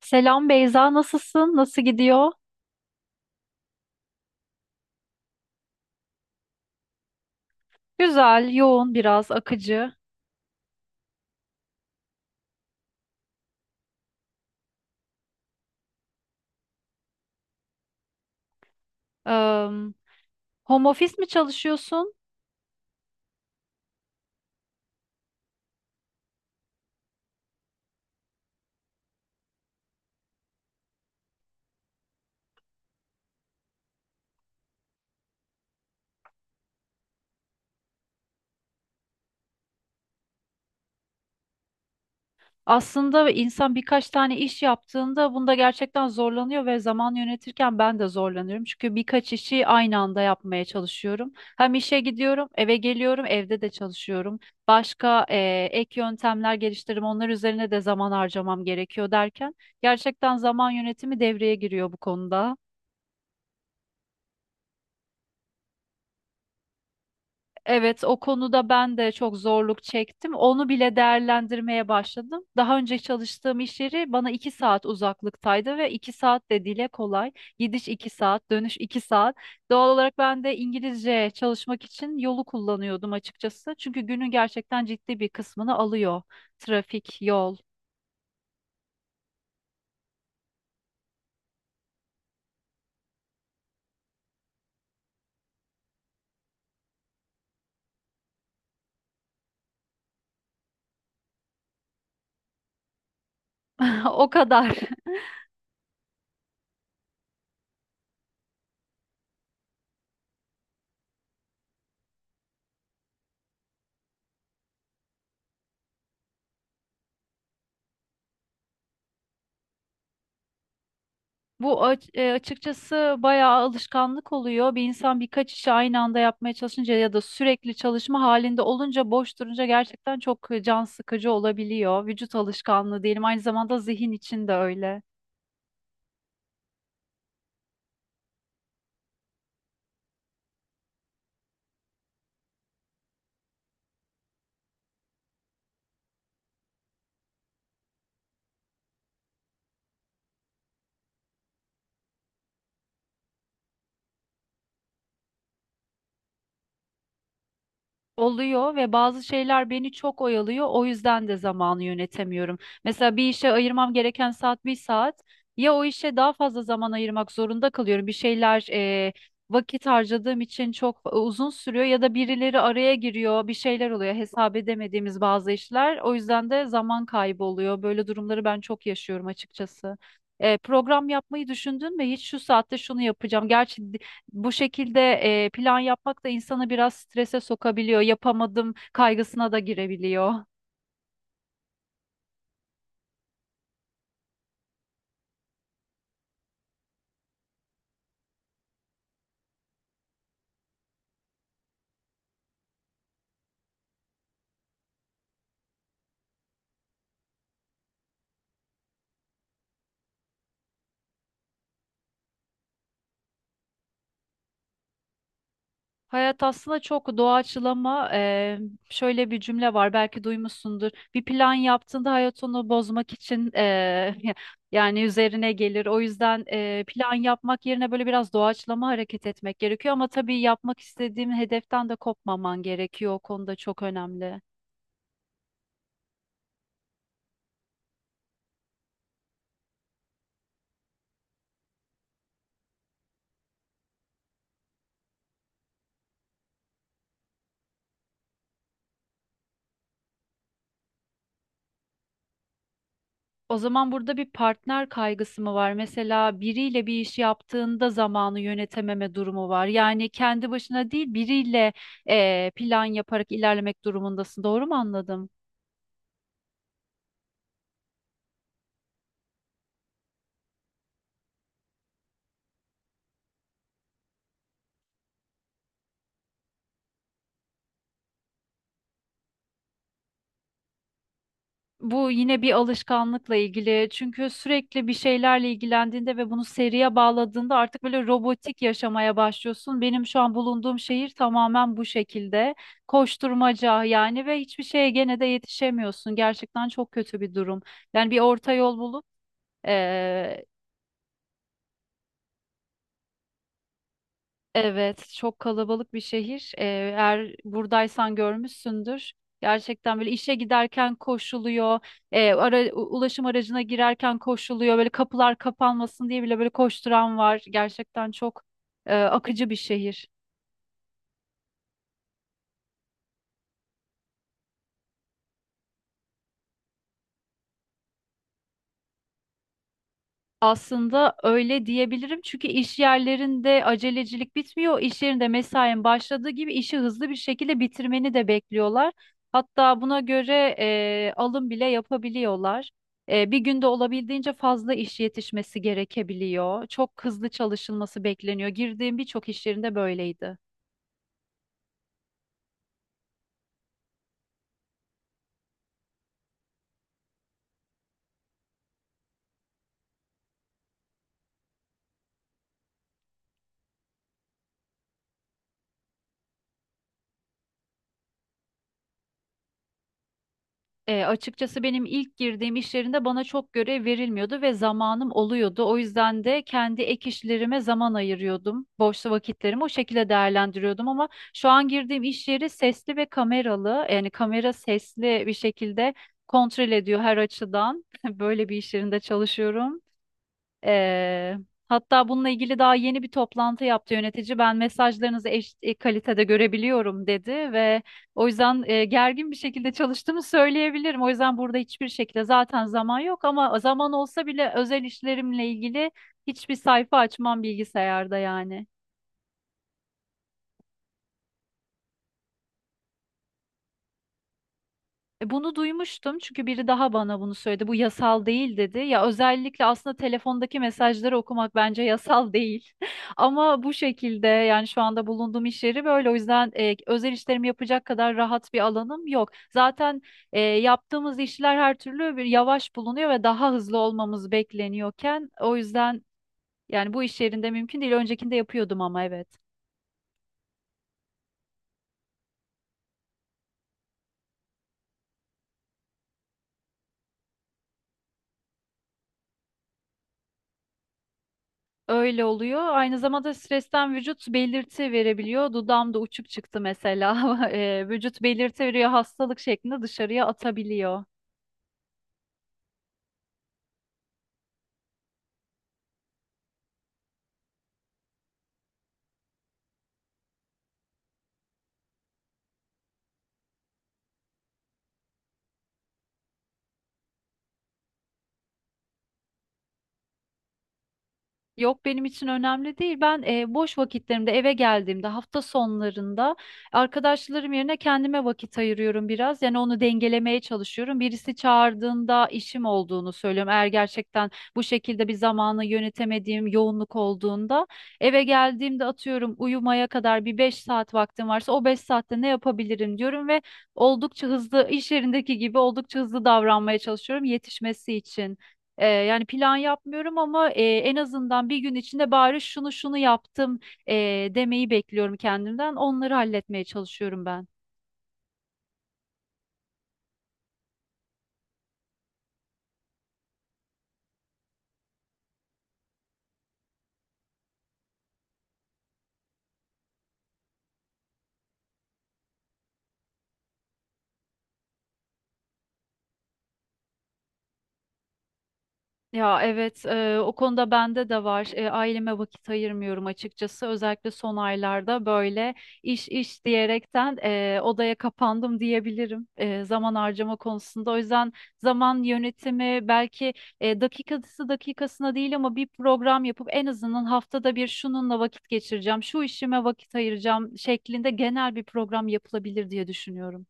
Selam Beyza, nasılsın? Nasıl gidiyor? Güzel, yoğun biraz, akıcı. Eee home office mi çalışıyorsun? Aslında insan birkaç tane iş yaptığında bunda gerçekten zorlanıyor ve zaman yönetirken ben de zorlanıyorum. Çünkü birkaç işi aynı anda yapmaya çalışıyorum. Hem işe gidiyorum, eve geliyorum, evde de çalışıyorum. Başka ek yöntemler geliştirip onlar üzerine de zaman harcamam gerekiyor derken gerçekten zaman yönetimi devreye giriyor bu konuda. Evet, o konuda ben de çok zorluk çektim. Onu bile değerlendirmeye başladım. Daha önce çalıştığım iş yeri bana 2 saat uzaklıktaydı ve 2 saat de dile kolay. Gidiş 2 saat, dönüş 2 saat. Doğal olarak ben de İngilizce çalışmak için yolu kullanıyordum açıkçası. Çünkü günün gerçekten ciddi bir kısmını alıyor. Trafik, yol. O kadar. Açıkçası bayağı alışkanlık oluyor. Bir insan birkaç işi aynı anda yapmaya çalışınca ya da sürekli çalışma halinde olunca boş durunca gerçekten çok can sıkıcı olabiliyor. Vücut alışkanlığı diyelim, aynı zamanda zihin için de öyle. Oluyor ve bazı şeyler beni çok oyalıyor. O yüzden de zamanı yönetemiyorum. Mesela bir işe ayırmam gereken saat bir saat. Ya o işe daha fazla zaman ayırmak zorunda kalıyorum. Bir şeyler vakit harcadığım için çok uzun sürüyor ya da birileri araya giriyor, bir şeyler oluyor. Hesap edemediğimiz bazı işler. O yüzden de zaman kaybı oluyor. Böyle durumları ben çok yaşıyorum açıkçası. Program yapmayı düşündün mü? Hiç şu saatte şunu yapacağım. Gerçi bu şekilde plan yapmak da insanı biraz strese sokabiliyor. Yapamadım kaygısına da girebiliyor. Hayat aslında çok doğaçlama. Şöyle bir cümle var, belki duymuşsundur. Bir plan yaptığında hayat onu bozmak için yani üzerine gelir. O yüzden plan yapmak yerine böyle biraz doğaçlama hareket etmek gerekiyor. Ama tabii yapmak istediğim hedeften de kopmaman gerekiyor. O konuda çok önemli. O zaman burada bir partner kaygısı mı var? Mesela biriyle bir iş yaptığında zamanı yönetememe durumu var. Yani kendi başına değil, biriyle plan yaparak ilerlemek durumundasın. Doğru mu anladım? Bu yine bir alışkanlıkla ilgili. Çünkü sürekli bir şeylerle ilgilendiğinde ve bunu seriye bağladığında artık böyle robotik yaşamaya başlıyorsun. Benim şu an bulunduğum şehir tamamen bu şekilde. Koşturmaca yani ve hiçbir şeye gene de yetişemiyorsun. Gerçekten çok kötü bir durum. Yani bir orta yol bulup Ee, evet, çok kalabalık bir şehir. Eğer buradaysan görmüşsündür. Gerçekten böyle işe giderken koşuluyor, ulaşım aracına girerken koşuluyor. Böyle kapılar kapanmasın diye bile böyle koşturan var. Gerçekten çok akıcı bir şehir. Aslında öyle diyebilirim, çünkü iş yerlerinde acelecilik bitmiyor. İş yerinde mesain başladığı gibi işi hızlı bir şekilde bitirmeni de bekliyorlar. Hatta buna göre alım bile yapabiliyorlar. Bir günde olabildiğince fazla iş yetişmesi gerekebiliyor. Çok hızlı çalışılması bekleniyor. Girdiğim birçok iş yerinde böyleydi. Açıkçası benim ilk girdiğim iş yerinde bana çok görev verilmiyordu ve zamanım oluyordu. O yüzden de kendi ek işlerime zaman ayırıyordum. Boş vakitlerimi o şekilde değerlendiriyordum, ama şu an girdiğim iş yeri sesli ve kameralı. Yani kamera sesli bir şekilde kontrol ediyor her açıdan. Böyle bir iş yerinde çalışıyorum. Ee, Hatta bununla ilgili daha yeni bir toplantı yaptı yönetici. Ben mesajlarınızı eşit kalitede görebiliyorum dedi ve o yüzden gergin bir şekilde çalıştığımı söyleyebilirim. O yüzden burada hiçbir şekilde zaten zaman yok, ama zaman olsa bile özel işlerimle ilgili hiçbir sayfa açmam bilgisayarda yani. Bunu duymuştum, çünkü biri daha bana bunu söyledi. Bu yasal değil dedi. Ya özellikle aslında telefondaki mesajları okumak bence yasal değil. Ama bu şekilde yani şu anda bulunduğum iş yeri böyle. O yüzden özel işlerimi yapacak kadar rahat bir alanım yok. Zaten yaptığımız işler her türlü bir yavaş bulunuyor ve daha hızlı olmamız bekleniyorken, o yüzden yani bu iş yerinde mümkün değil. Öncekinde yapıyordum, ama evet. Öyle oluyor. Aynı zamanda stresten vücut belirti verebiliyor. Dudağımda uçuk çıktı mesela. Vücut belirti veriyor, hastalık şeklinde dışarıya atabiliyor. Yok, benim için önemli değil. Ben boş vakitlerimde, eve geldiğimde, hafta sonlarında arkadaşlarım yerine kendime vakit ayırıyorum biraz. Yani onu dengelemeye çalışıyorum. Birisi çağırdığında işim olduğunu söylüyorum. Eğer gerçekten bu şekilde bir zamanı yönetemediğim yoğunluk olduğunda, eve geldiğimde, atıyorum, uyumaya kadar bir 5 saat vaktim varsa o 5 saatte ne yapabilirim diyorum ve oldukça hızlı, iş yerindeki gibi oldukça hızlı davranmaya çalışıyorum yetişmesi için. Yani plan yapmıyorum, ama en azından bir gün içinde bari şunu şunu yaptım e, demeyi bekliyorum kendimden. Onları halletmeye çalışıyorum ben. Ya evet, o konuda bende de var. Aileme vakit ayırmıyorum açıkçası. Özellikle son aylarda böyle iş iş diyerekten odaya kapandım diyebilirim zaman harcama konusunda. O yüzden zaman yönetimi belki dakikası dakikasına değil, ama bir program yapıp en azından haftada bir şununla vakit geçireceğim, şu işime vakit ayıracağım şeklinde genel bir program yapılabilir diye düşünüyorum.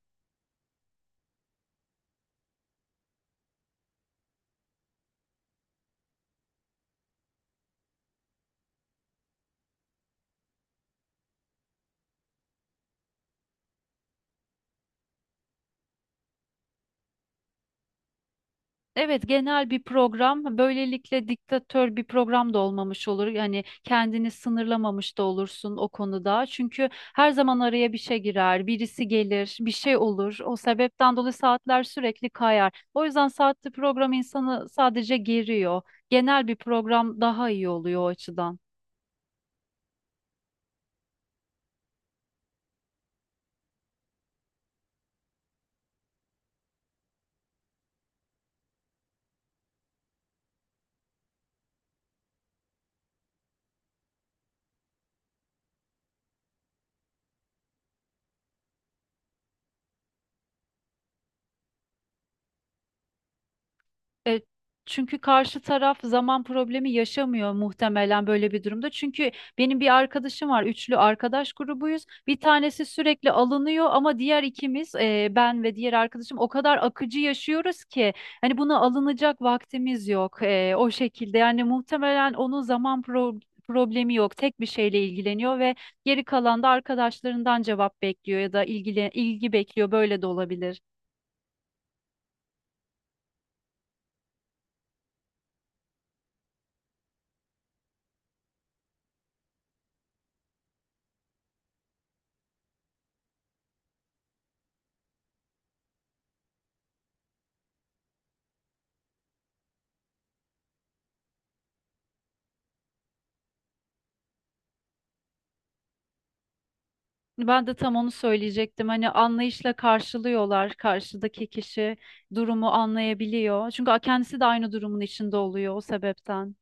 Evet, genel bir program. Böylelikle diktatör bir program da olmamış olur. Yani kendini sınırlamamış da olursun o konuda. Çünkü her zaman araya bir şey girer, birisi gelir, bir şey olur. O sebepten dolayı saatler sürekli kayar. O yüzden saatli program insanı sadece geriyor. Genel bir program daha iyi oluyor o açıdan. E, Çünkü karşı taraf zaman problemi yaşamıyor muhtemelen böyle bir durumda. Çünkü benim bir arkadaşım var, üçlü arkadaş grubuyuz. Bir tanesi sürekli alınıyor, ama diğer ikimiz, ben ve diğer arkadaşım o kadar akıcı yaşıyoruz ki hani buna alınacak vaktimiz yok. O şekilde yani muhtemelen onun zaman problemi yok. Tek bir şeyle ilgileniyor ve geri kalan da arkadaşlarından cevap bekliyor ya da ilgi bekliyor. Böyle de olabilir. Ben de tam onu söyleyecektim. Hani anlayışla karşılıyorlar. Karşıdaki kişi durumu anlayabiliyor. Çünkü kendisi de aynı durumun içinde oluyor o sebepten.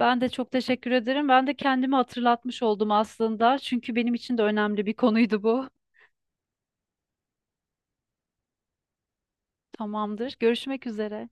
Ben de çok teşekkür ederim. Ben de kendimi hatırlatmış oldum aslında. Çünkü benim için de önemli bir konuydu bu. Tamamdır. Görüşmek üzere.